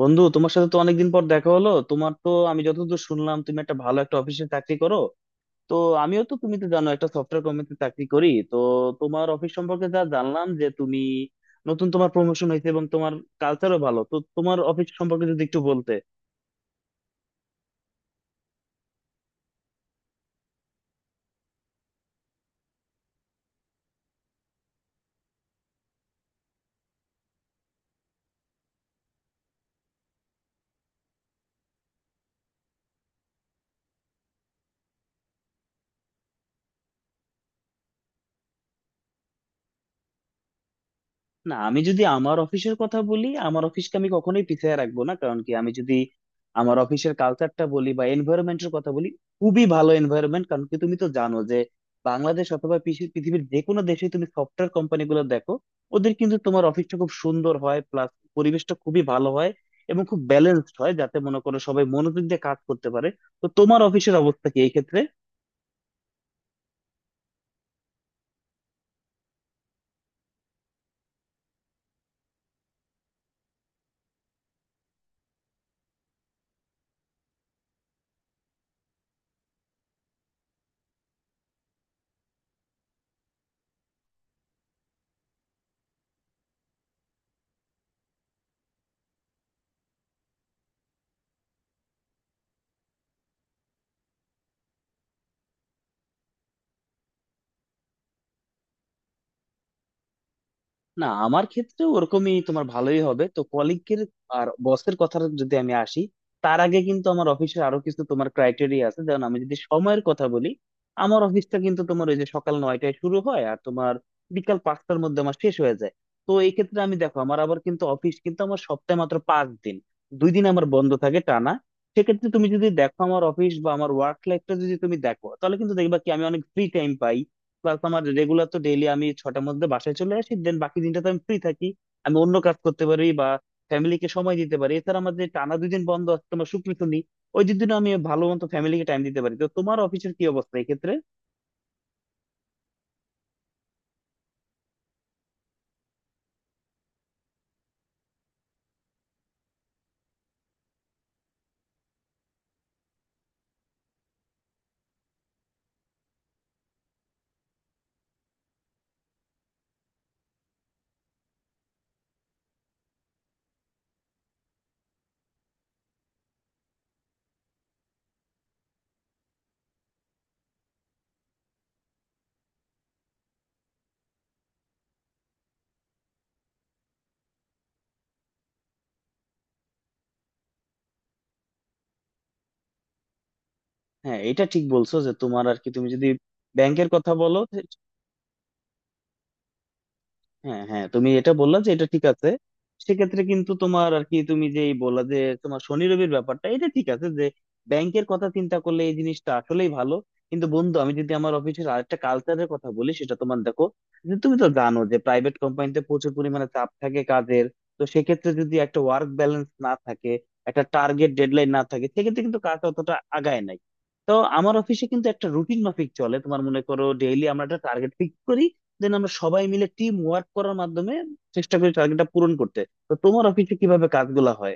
বন্ধু, তোমার সাথে তো অনেকদিন পর দেখা হলো। তোমার তো আমি যতদূর শুনলাম তুমি একটা ভালো একটা অফিসে চাকরি করো। তো আমিও তো, তুমি তো জানো, একটা সফটওয়্যার কোম্পানিতে চাকরি করি। তো তোমার অফিস সম্পর্কে যা জানলাম যে তুমি নতুন, তোমার প্রমোশন হয়েছে এবং তোমার কালচারও ভালো। তো তোমার অফিস সম্পর্কে যদি একটু বলতে। না, আমি যদি আমার অফিসের কথা বলি, আমার অফিসকে আমি কখনোই পিছিয়ে রাখবো না। কারণ কি, আমি যদি আমার অফিসের কালচারটা বলি বা এনভায়রনমেন্টের কথা বলি, খুবই ভালো এনভায়রনমেন্ট। কারণ কি তুমি তো জানো যে বাংলাদেশ অথবা পৃথিবীর যে কোনো দেশে তুমি সফটওয়্যার কোম্পানি গুলো দেখো, ওদের কিন্তু তোমার অফিসটা খুব সুন্দর হয়, প্লাস পরিবেশটা খুবই ভালো হয় এবং খুব ব্যালেন্সড হয়, যাতে মনে করো সবাই মনোযোগ দিয়ে কাজ করতে পারে। তো তোমার অফিসের অবস্থা কি এই ক্ষেত্রে? না, আমার ক্ষেত্রে ওরকমই তোমার ভালোই হবে তো, কলিগের আর বসের কথা যদি আমি আসি। তার আগে কিন্তু আমার অফিসে আরো কিছু তোমার ক্রাইটেরিয়া আছে, যেমন আমি যদি সময়ের কথা বলি, আমার অফিসটা কিন্তু তোমার ওই যে সকাল 9টায় শুরু হয় আর তোমার বিকাল 5টার মধ্যে আমার শেষ হয়ে যায়। তো এই ক্ষেত্রে আমি দেখো, আমার আবার কিন্তু অফিস কিন্তু আমার সপ্তাহে মাত্র 5 দিন, 2 দিন আমার বন্ধ থাকে টানা। সেক্ষেত্রে তুমি যদি দেখো আমার অফিস বা আমার ওয়ার্ক লাইফটা যদি তুমি দেখো, তাহলে কিন্তু দেখবা কি আমি অনেক ফ্রি টাইম পাই। প্লাস আমার রেগুলার তো ডেইলি আমি 6টার মধ্যে বাসায় চলে আসি, দেন বাকি দিনটা তো আমি ফ্রি থাকি। আমি অন্য কাজ করতে পারি বা ফ্যামিলিকে সময় দিতে পারি। এছাড়া আমার যে টানা 2 দিন বন্ধ আছে তোমার শুক্র শনি, ওই দুদিনও আমি ভালো মতো ফ্যামিলিকে টাইম দিতে পারি। তো তোমার অফিসের কি অবস্থা এক্ষেত্রে? হ্যাঁ, এটা ঠিক বলছো যে তোমার আর কি তুমি যদি ব্যাংকের কথা বলো। হ্যাঁ হ্যাঁ, তুমি এটা বললা, যে এটা ঠিক আছে। সেক্ষেত্রে কিন্তু তোমার আর কি, তুমি যেই বললা যে তোমার শনি রবির ব্যাপারটা, এটা ঠিক আছে যে ব্যাংকের কথা চিন্তা করলে এই জিনিসটা আসলেই ভালো। কিন্তু বন্ধু আমি যদি আমার অফিসের আরেকটা কালচারের কথা বলি, সেটা তোমার দেখো যে তুমি তো জানো যে প্রাইভেট কোম্পানিতে প্রচুর পরিমাণে চাপ থাকে কাজের। তো সেক্ষেত্রে যদি একটা ওয়ার্ক ব্যালেন্স না থাকে, একটা টার্গেট ডেডলাইন না থাকে, সেক্ষেত্রে কিন্তু কাজ অতটা আগায় নাই। তো আমার অফিসে কিন্তু একটা রুটিন মাফিক চলে, তোমার মনে করো ডেইলি আমরা একটা টার্গেট ফিক্স করি, দেন আমরা সবাই মিলে টিম ওয়ার্ক করার মাধ্যমে চেষ্টা করি টার্গেটটা পূরণ করতে। তো তোমার অফিসে কিভাবে কাজগুলা হয়?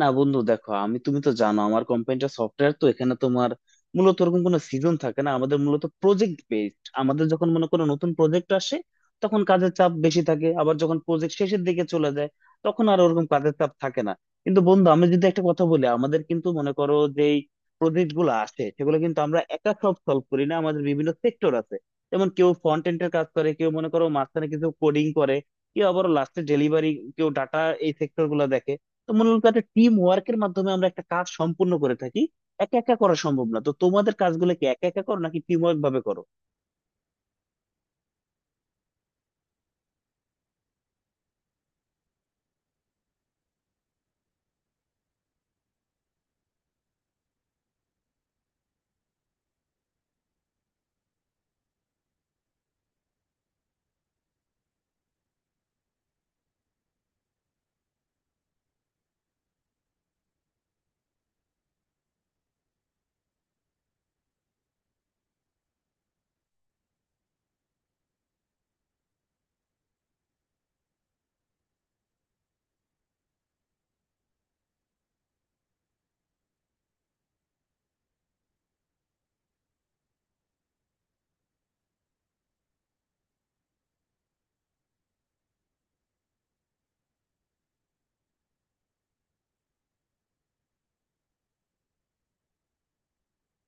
না বন্ধু দেখো, আমি তুমি তো জানো আমার কোম্পানিটা সফটওয়্যার, তো এখানে তোমার মূলত ওরকম কোনো সিজন থাকে না। আমাদের মূলত প্রজেক্ট বেসড, আমাদের যখন মনে করো নতুন প্রজেক্ট আসে তখন কাজের চাপ বেশি থাকে, আবার যখন প্রজেক্ট শেষের দিকে চলে যায় তখন আর ওরকম কাজের চাপ থাকে না। কিন্তু বন্ধু আমি যদি একটা কথা বলি, আমাদের কিন্তু মনে করো যেই প্রজেক্ট গুলো আসে সেগুলো কিন্তু আমরা একা সব সলভ করি না, আমাদের বিভিন্ন সেক্টর আছে। যেমন কেউ ফ্রন্ট এন্ড এর কাজ করে, কেউ মনে করো মাঝখানে কিছু কোডিং করে, কেউ আবার লাস্টে ডেলিভারি, কেউ ডাটা, এই সেক্টর গুলো দেখে। তো মূলত একটা টিম ওয়ার্কের মাধ্যমে আমরা একটা কাজ সম্পূর্ণ করে থাকি, একা একা করা সম্ভব না। তো তোমাদের কাজগুলো কি একা একা করো নাকি টিম ওয়ার্ক ভাবে করো?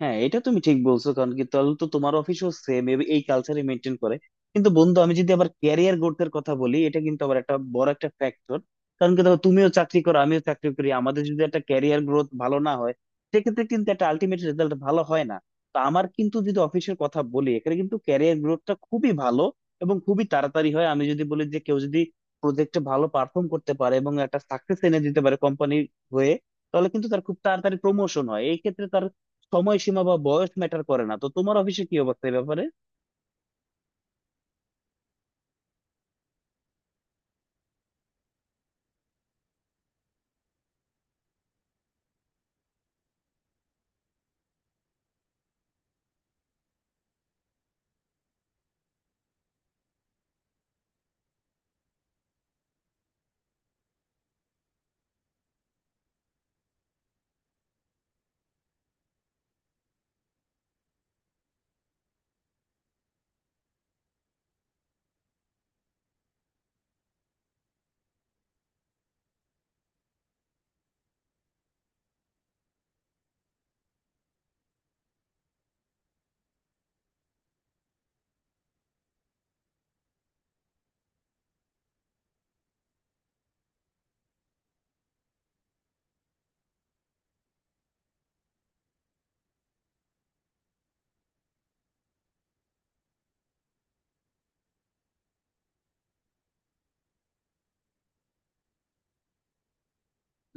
হ্যাঁ, এটা তুমি ঠিক বলছো, কারণ কি তাহলে তো তোমার অফিসও সেম এই কালচারই মেনটেন করে। কিন্তু বন্ধু আমি যদি আবার ক্যারিয়ার গ্রোথের কথা বলি, এটা কিন্তু আবার একটা বড় একটা ফ্যাক্টর। কারণ কি দেখো, তুমিও চাকরি করো আমিও চাকরি করি, আমাদের যদি একটা ক্যারিয়ার গ্রোথ ভালো না হয় সেক্ষেত্রে কিন্তু একটা আলটিমেট রেজাল্ট ভালো হয় না। তো আমার কিন্তু যদি অফিসের কথা বলি, এখানে কিন্তু ক্যারিয়ার গ্রোথটা খুবই ভালো এবং খুবই তাড়াতাড়ি হয়। আমি যদি বলি যে কেউ যদি প্রজেক্টে ভালো পারফর্ম করতে পারে এবং একটা সাকসেস এনে দিতে পারে কোম্পানির হয়ে, তাহলে কিন্তু তার খুব তাড়াতাড়ি প্রমোশন হয়। এই ক্ষেত্রে সময়সীমা বা বয়স ম্যাটার করে না। তো তোমার অফিসে কি অবস্থা এই ব্যাপারে?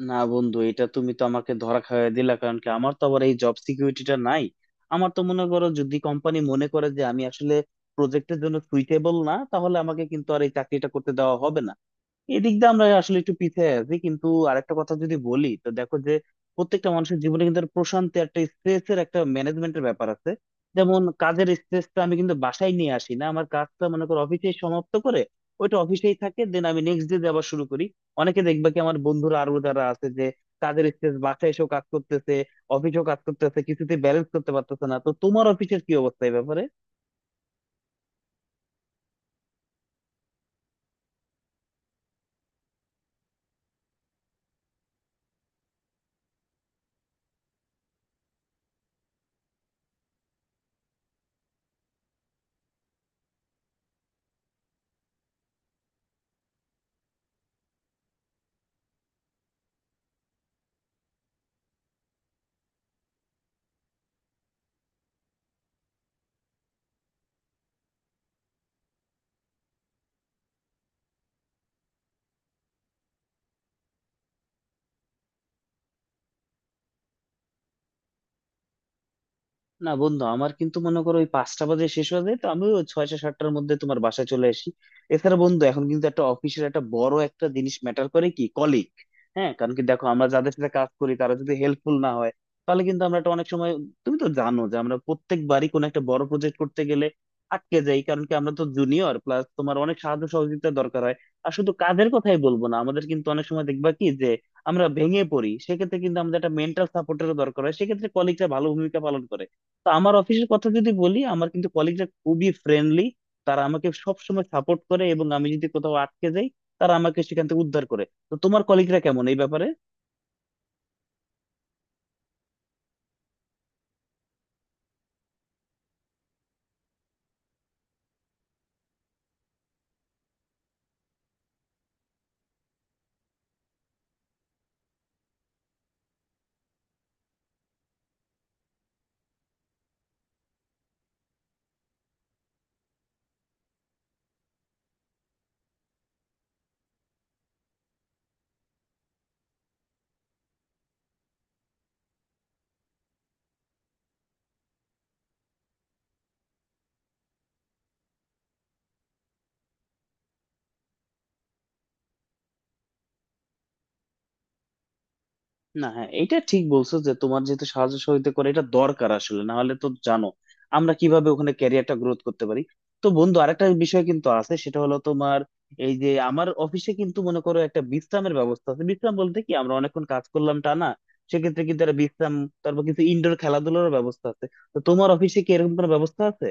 না বন্ধু, এটা তুমি তো আমাকে ধরা খাইয়ে দিলা। কারণ কি আমার তো আবার এই জব সিকিউরিটিটা নাই। আমার তো মনে করো যদি কোম্পানি মনে করে যে আমি আসলে প্রজেক্টের জন্য সুইটেবল না, তাহলে আমাকে কিন্তু আর এই চাকরিটা করতে দেওয়া হবে না। এদিক দিয়ে আমরা আসলে একটু পিছিয়ে আছি। কিন্তু আরেকটা কথা যদি বলি, তো দেখো যে প্রত্যেকটা মানুষের জীবনে কিন্তু একটা প্রশান্তি, একটা স্ট্রেস এর একটা ম্যানেজমেন্টের ব্যাপার আছে। যেমন কাজের স্ট্রেসটা আমি কিন্তু বাসায় নিয়ে আসি না, আমার কাজটা মনে করো অফিসে সমাপ্ত করে ওইটা অফিসেই থাকে, দেন আমি নেক্সট ডে আবার শুরু করি। অনেকে দেখবা কি, আমার বন্ধুরা আরো যারা আছে যে কাজের স্ট্রেস বাসায় এসেও কাজ করতেছে, অফিসেও কাজ করতেছে, কিছুতে ব্যালেন্স করতে পারতেছে না। তো তোমার অফিসের কি অবস্থা এই ব্যাপারে? না বন্ধু, আমার কিন্তু মনে করো ওই 5টা বাজে শেষ হয়ে যায়, তো আমি ওই 6টা-7টার মধ্যে তোমার বাসায় চলে আসি। এছাড়া বন্ধু এখন কিন্তু একটা অফিসের একটা বড় একটা জিনিস ম্যাটার করে কি, কলিগ। হ্যাঁ, কারণ কি দেখো, আমরা যাদের সাথে কাজ করি তারা যদি হেল্পফুল না হয়, তাহলে কিন্তু আমরা একটা অনেক সময়, তুমি তো জানো যে আমরা প্রত্যেকবারই কোনো একটা বড় প্রজেক্ট করতে গেলে আটকে যাই। কারণ কি আমরা তো জুনিয়র, প্লাস তোমার অনেক সাহায্য সহযোগিতা দরকার হয়। আর শুধু কাজের কথাই বলবো না, আমাদের কিন্তু অনেক সময় দেখবা কি যে আমরা ভেঙে পড়ি, সেক্ষেত্রে কিন্তু আমাদের একটা মেন্টাল সাপোর্টেরও দরকার হয়। সেক্ষেত্রে কলিগরা ভালো ভূমিকা পালন করে। তো আমার অফিসের কথা যদি বলি, আমার কিন্তু কলিগরা খুবই ফ্রেন্ডলি, তারা আমাকে সবসময় সাপোর্ট করে এবং আমি যদি কোথাও আটকে যাই তারা আমাকে সেখান থেকে উদ্ধার করে। তো তোমার কলিগরা কেমন এই ব্যাপারে? না, হ্যাঁ এটা ঠিক বলছো যে তোমার, যেহেতু সাহায্য সহযোগিতা করে, এটা দরকার আসলে, না হলে তো জানো আমরা কিভাবে ওখানে ক্যারিয়ারটা গ্রোথ করতে পারি। তো বন্ধু আরেকটা বিষয় কিন্তু আছে, সেটা হলো তোমার এই যে আমার অফিসে কিন্তু মনে করো একটা বিশ্রামের ব্যবস্থা আছে। বিশ্রাম বলতে কি, আমরা অনেকক্ষণ কাজ করলাম টা না, সেক্ষেত্রে কিন্তু একটা বিশ্রাম, তারপর কিছু ইনডোর খেলাধুলার ব্যবস্থা আছে। তো তোমার অফিসে কি এরকম কোনো ব্যবস্থা আছে?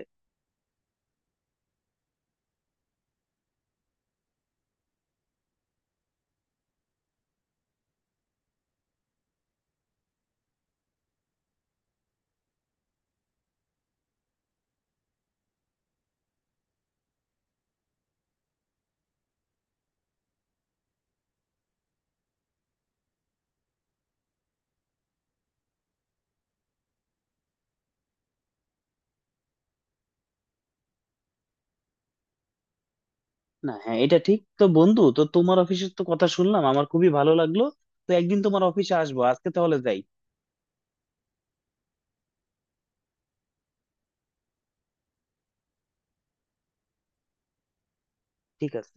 না হ্যাঁ এটা ঠিক। তো বন্ধু, তো তোমার অফিসের তো কথা শুনলাম, আমার খুবই ভালো লাগলো। তো একদিন তোমার অফিসে আসবো, আজকে তাহলে যাই। ঠিক আছে।